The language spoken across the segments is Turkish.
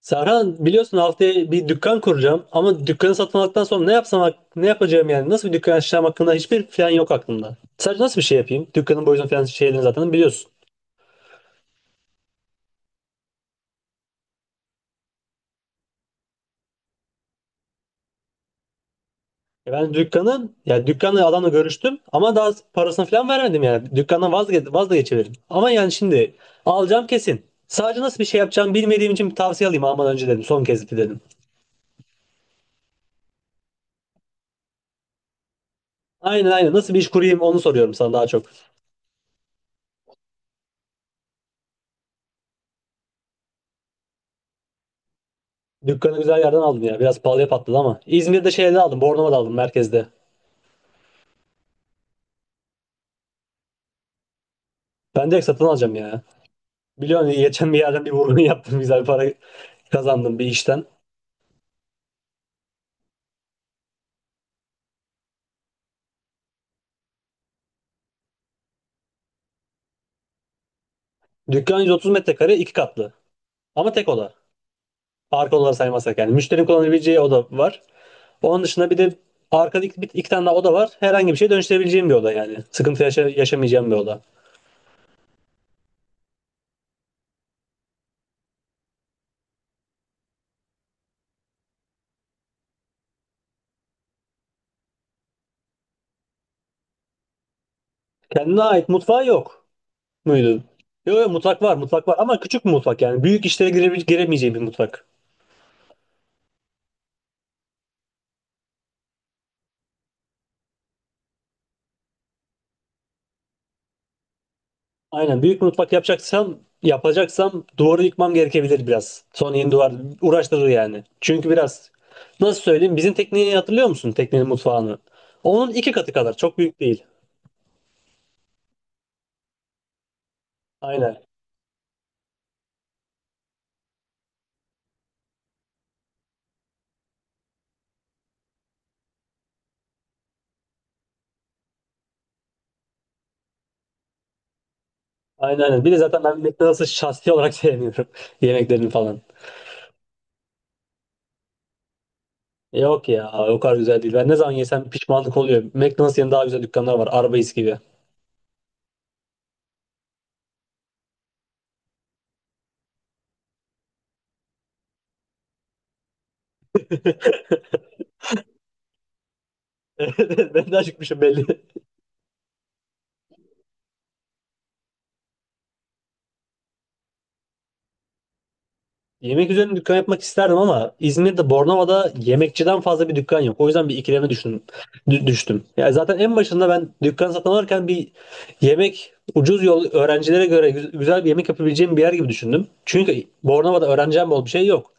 Serhan biliyorsun haftaya bir dükkan kuracağım ama dükkanı satın aldıktan sonra ne yapsam ne yapacağım yani nasıl bir dükkan açacağım hakkında hiçbir plan yok aklımda. Sadece nasıl bir şey yapayım? Dükkanın boyutunu falan şeylerini zaten biliyorsun. E ben dükkanı ya dükkanla adamla görüştüm ama daha parasını falan vermedim yani. Dükkandan vazgeçebilirim. Ama yani şimdi alacağım kesin. Sadece nasıl bir şey yapacağım bilmediğim için bir tavsiye alayım almadan önce dedim. Son kez dedim. Aynen aynen, nasıl bir iş kurayım onu soruyorum sana daha çok. Dükkanı güzel yerden aldım ya. Biraz pahalıya patladı ama. İzmir'de şeyde aldım. Bornova'da aldım merkezde. Ben direkt satın alacağım ya. Biliyorsun geçen bir yerden bir vurgun yaptım. Güzel para kazandım bir işten. Dükkan 130 metrekare, iki katlı. Ama tek oda. Arka odaları saymazsak yani. Müşterinin kullanabileceği oda var. Onun dışında bir de arkada iki, iki tane daha oda var. Herhangi bir şey dönüştürebileceğim bir oda yani. Sıkıntı yaşamayacağım bir oda. Kendine ait mutfağı yok muydu? Yok yok, mutfak var, mutfak var ama küçük bir mutfak yani. Büyük işlere giremeyeceğim bir mutfak. Aynen, büyük mutfak yapacaksam duvarı yıkmam gerekebilir biraz. Son yeni duvar uğraştırır yani. Çünkü biraz nasıl söyleyeyim, bizim tekneyi hatırlıyor musun? Teknenin mutfağını. Onun iki katı kadar, çok büyük değil. Aynen. Aynen aynen. Bir de zaten ben McDonald's'ı şahsi olarak sevmiyorum. Yemeklerini falan. Yok ya, o kadar güzel değil. Ben ne zaman yesem pişmanlık oluyor. McDonald's yerine daha güzel dükkanlar var. Arby's gibi. Ben de acıkmışım belli. Yemek üzerine dükkan yapmak isterdim ama İzmir'de Bornova'da yemekçiden fazla bir dükkan yok. O yüzden bir ikileme düştüm. Düştüm. Ya zaten en başında ben dükkan satın alırken bir yemek ucuz yol öğrencilere göre güzel bir yemek yapabileceğim bir yer gibi düşündüm. Çünkü Bornova'da öğreneceğim bol bir şey yok.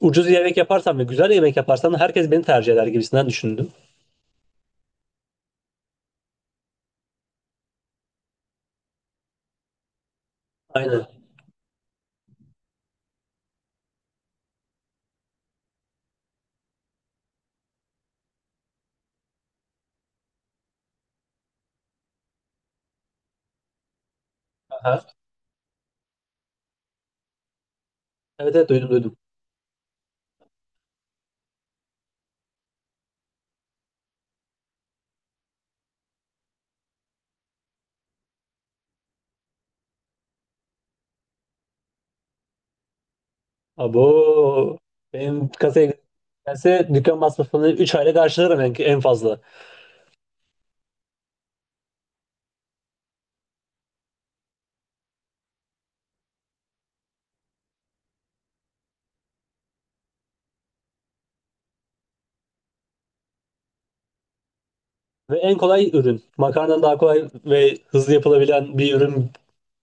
Ucuz yemek yaparsam ve güzel yemek yaparsam herkes beni tercih eder gibisinden düşündüm. Aynen. Aha. Evet evet, duydum duydum. Abo, benim kasaya gelse dükkan masrafını 3 ayda karşılarım en, en fazla. Ve en kolay ürün. Makarnadan daha kolay ve hızlı yapılabilen bir ürün,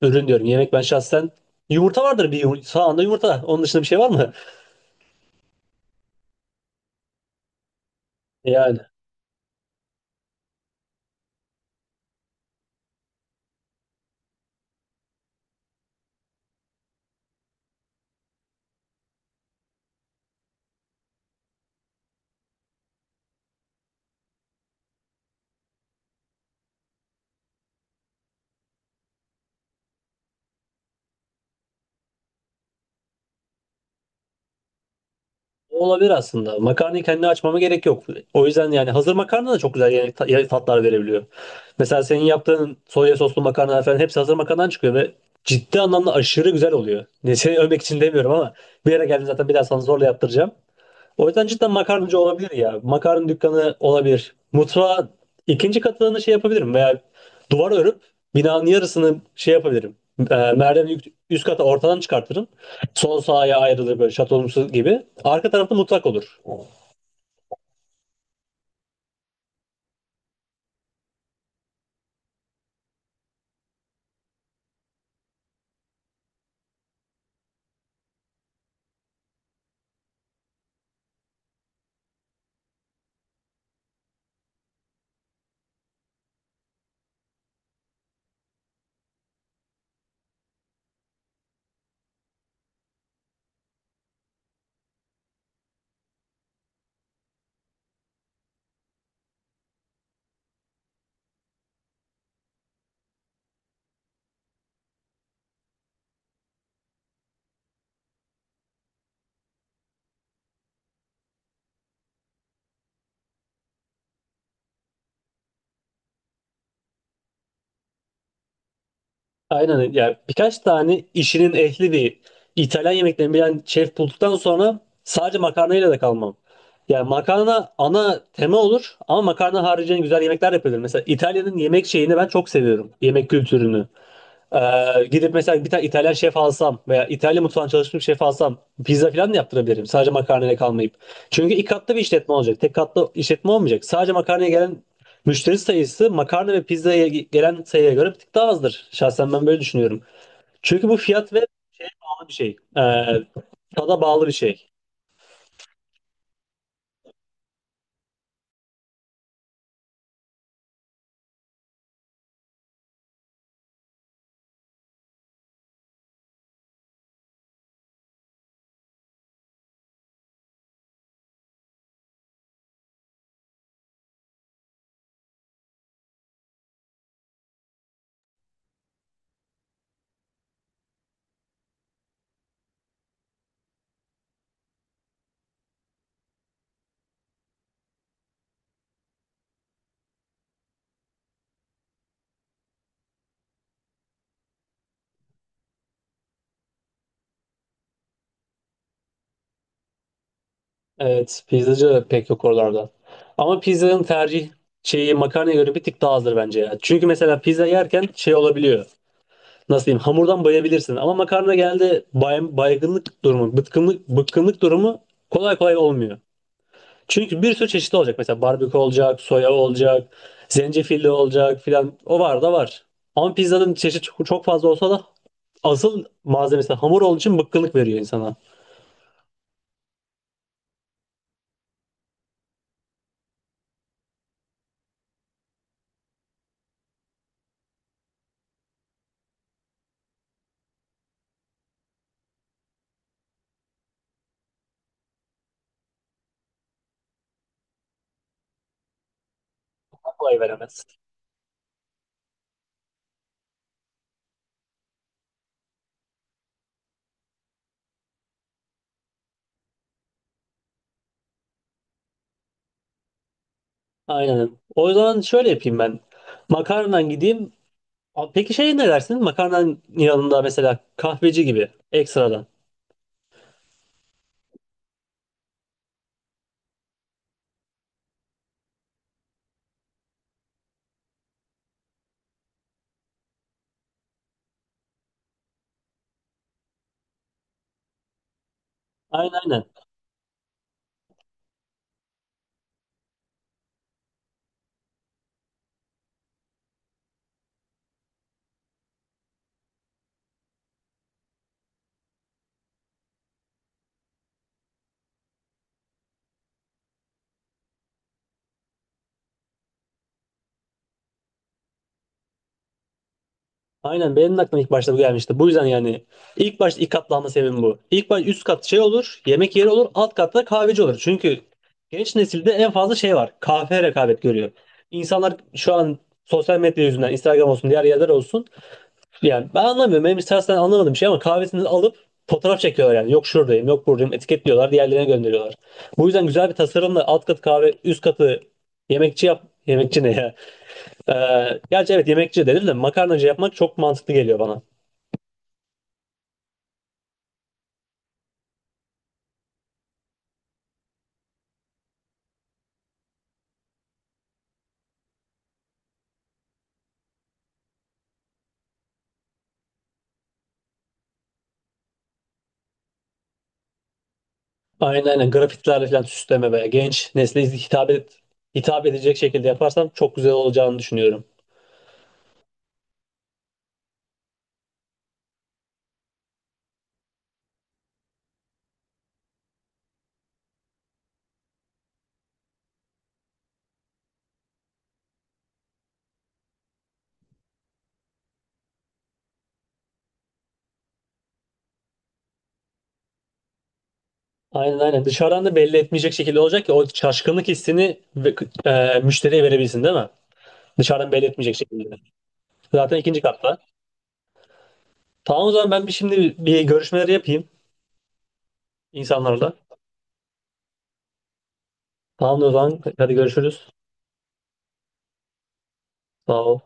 ürün diyorum. Yemek, ben şahsen yumurta vardır bir yumurta. Sağında yumurta. Onun dışında bir şey var mı? Yani olabilir aslında. Makarnayı kendi açmama gerek yok. O yüzden yani hazır makarna da çok güzel yemek yemek tatlar verebiliyor. Mesela senin yaptığın soya soslu makarna falan hepsi hazır makarnadan çıkıyor ve ciddi anlamda aşırı güzel oluyor. Ne seni övmek için demiyorum ama bir yere geldim zaten, bir daha sana zorla yaptıracağım. O yüzden cidden makarnacı olabilir ya. Makarna dükkanı olabilir. Mutfağa ikinci katını şey yapabilirim veya duvar örüp binanın yarısını şey yapabilirim. Merdiveni üst kata ortadan çıkartırım. Sol sağa ayrılır, böyle şatonumsu gibi. Arka tarafta mutfak olur. Aynen, yani birkaç tane işinin ehli bir İtalyan yemeklerini bilen şef bulduktan sonra sadece makarnayla da kalmam. Yani makarna ana tema olur ama makarna haricinde güzel yemekler yapılır. Mesela İtalya'nın yemek şeyini ben çok seviyorum. Yemek kültürünü. Gidip mesela bir tane İtalyan şef alsam veya İtalya mutfağında çalışmış bir şef alsam pizza falan da yaptırabilirim. Sadece makarnayla kalmayıp. Çünkü iki katlı bir işletme olacak. Tek katlı işletme olmayacak. Sadece makarnaya gelen müşteri sayısı makarna ve pizzaya gelen sayıya göre bir tık daha azdır. Şahsen ben böyle düşünüyorum. Çünkü bu fiyat ve şeye bağlı bir şey. Tada bağlı bir şey. Evet, pizzacı pek yok oralarda. Ama pizzanın tercih şeyi makarnaya göre bir tık daha azdır bence ya. Çünkü mesela pizza yerken şey olabiliyor. Nasıl diyeyim, hamurdan bayabilirsin. Ama makarna geldi baygınlık durumu, bıkkınlık durumu kolay kolay olmuyor. Çünkü bir sürü çeşit olacak. Mesela barbekü olacak, soya olacak, zencefilli olacak filan. O var da var. Ama pizzanın çeşit çok çok fazla olsa da asıl malzemesi hamur olduğu için bıkkınlık veriyor insana. Kolay veremez. Aynen. O zaman şöyle yapayım ben. Makarnadan gideyim. Peki şey, ne dersin? Makarnanın yanında mesela kahveci gibi ekstradan. Aynen aynen. Aynen, benim de aklıma ilk başta bu gelmişti. Bu yüzden yani ilk başta ilk katlanma sebebim bu. İlk baş üst kat şey olur, yemek yeri olur, alt katta kahveci olur. Çünkü genç nesilde en fazla şey var. Kahve rekabet görüyor. İnsanlar şu an sosyal medya yüzünden Instagram olsun, diğer yerler olsun. Yani ben anlamıyorum. Benim istersen anlamadığım şey, ama kahvesini alıp fotoğraf çekiyorlar yani. Yok şuradayım, yok buradayım. Etiketliyorlar, diğerlerine gönderiyorlar. Bu yüzden güzel bir tasarımla alt katı kahve, üst katı yemekçi yap. Yemekçi ne ya? Gerçi evet, yemekçi denir de makarnacı yapmak çok mantıklı geliyor bana. Aynen aynen, grafitlerle falan süsleme ve genç nesle hitap et, edecek şekilde yaparsam çok güzel olacağını düşünüyorum. Aynen aynen, dışarıdan da belli etmeyecek şekilde olacak ki o şaşkınlık hissini müşteriye verebilsin, değil mi? Dışarıdan belli etmeyecek şekilde. Zaten ikinci katta. Tamam, o zaman ben bir şimdi bir görüşmeleri yapayım insanlarla. Tamam o zaman hadi görüşürüz. Sağ ol.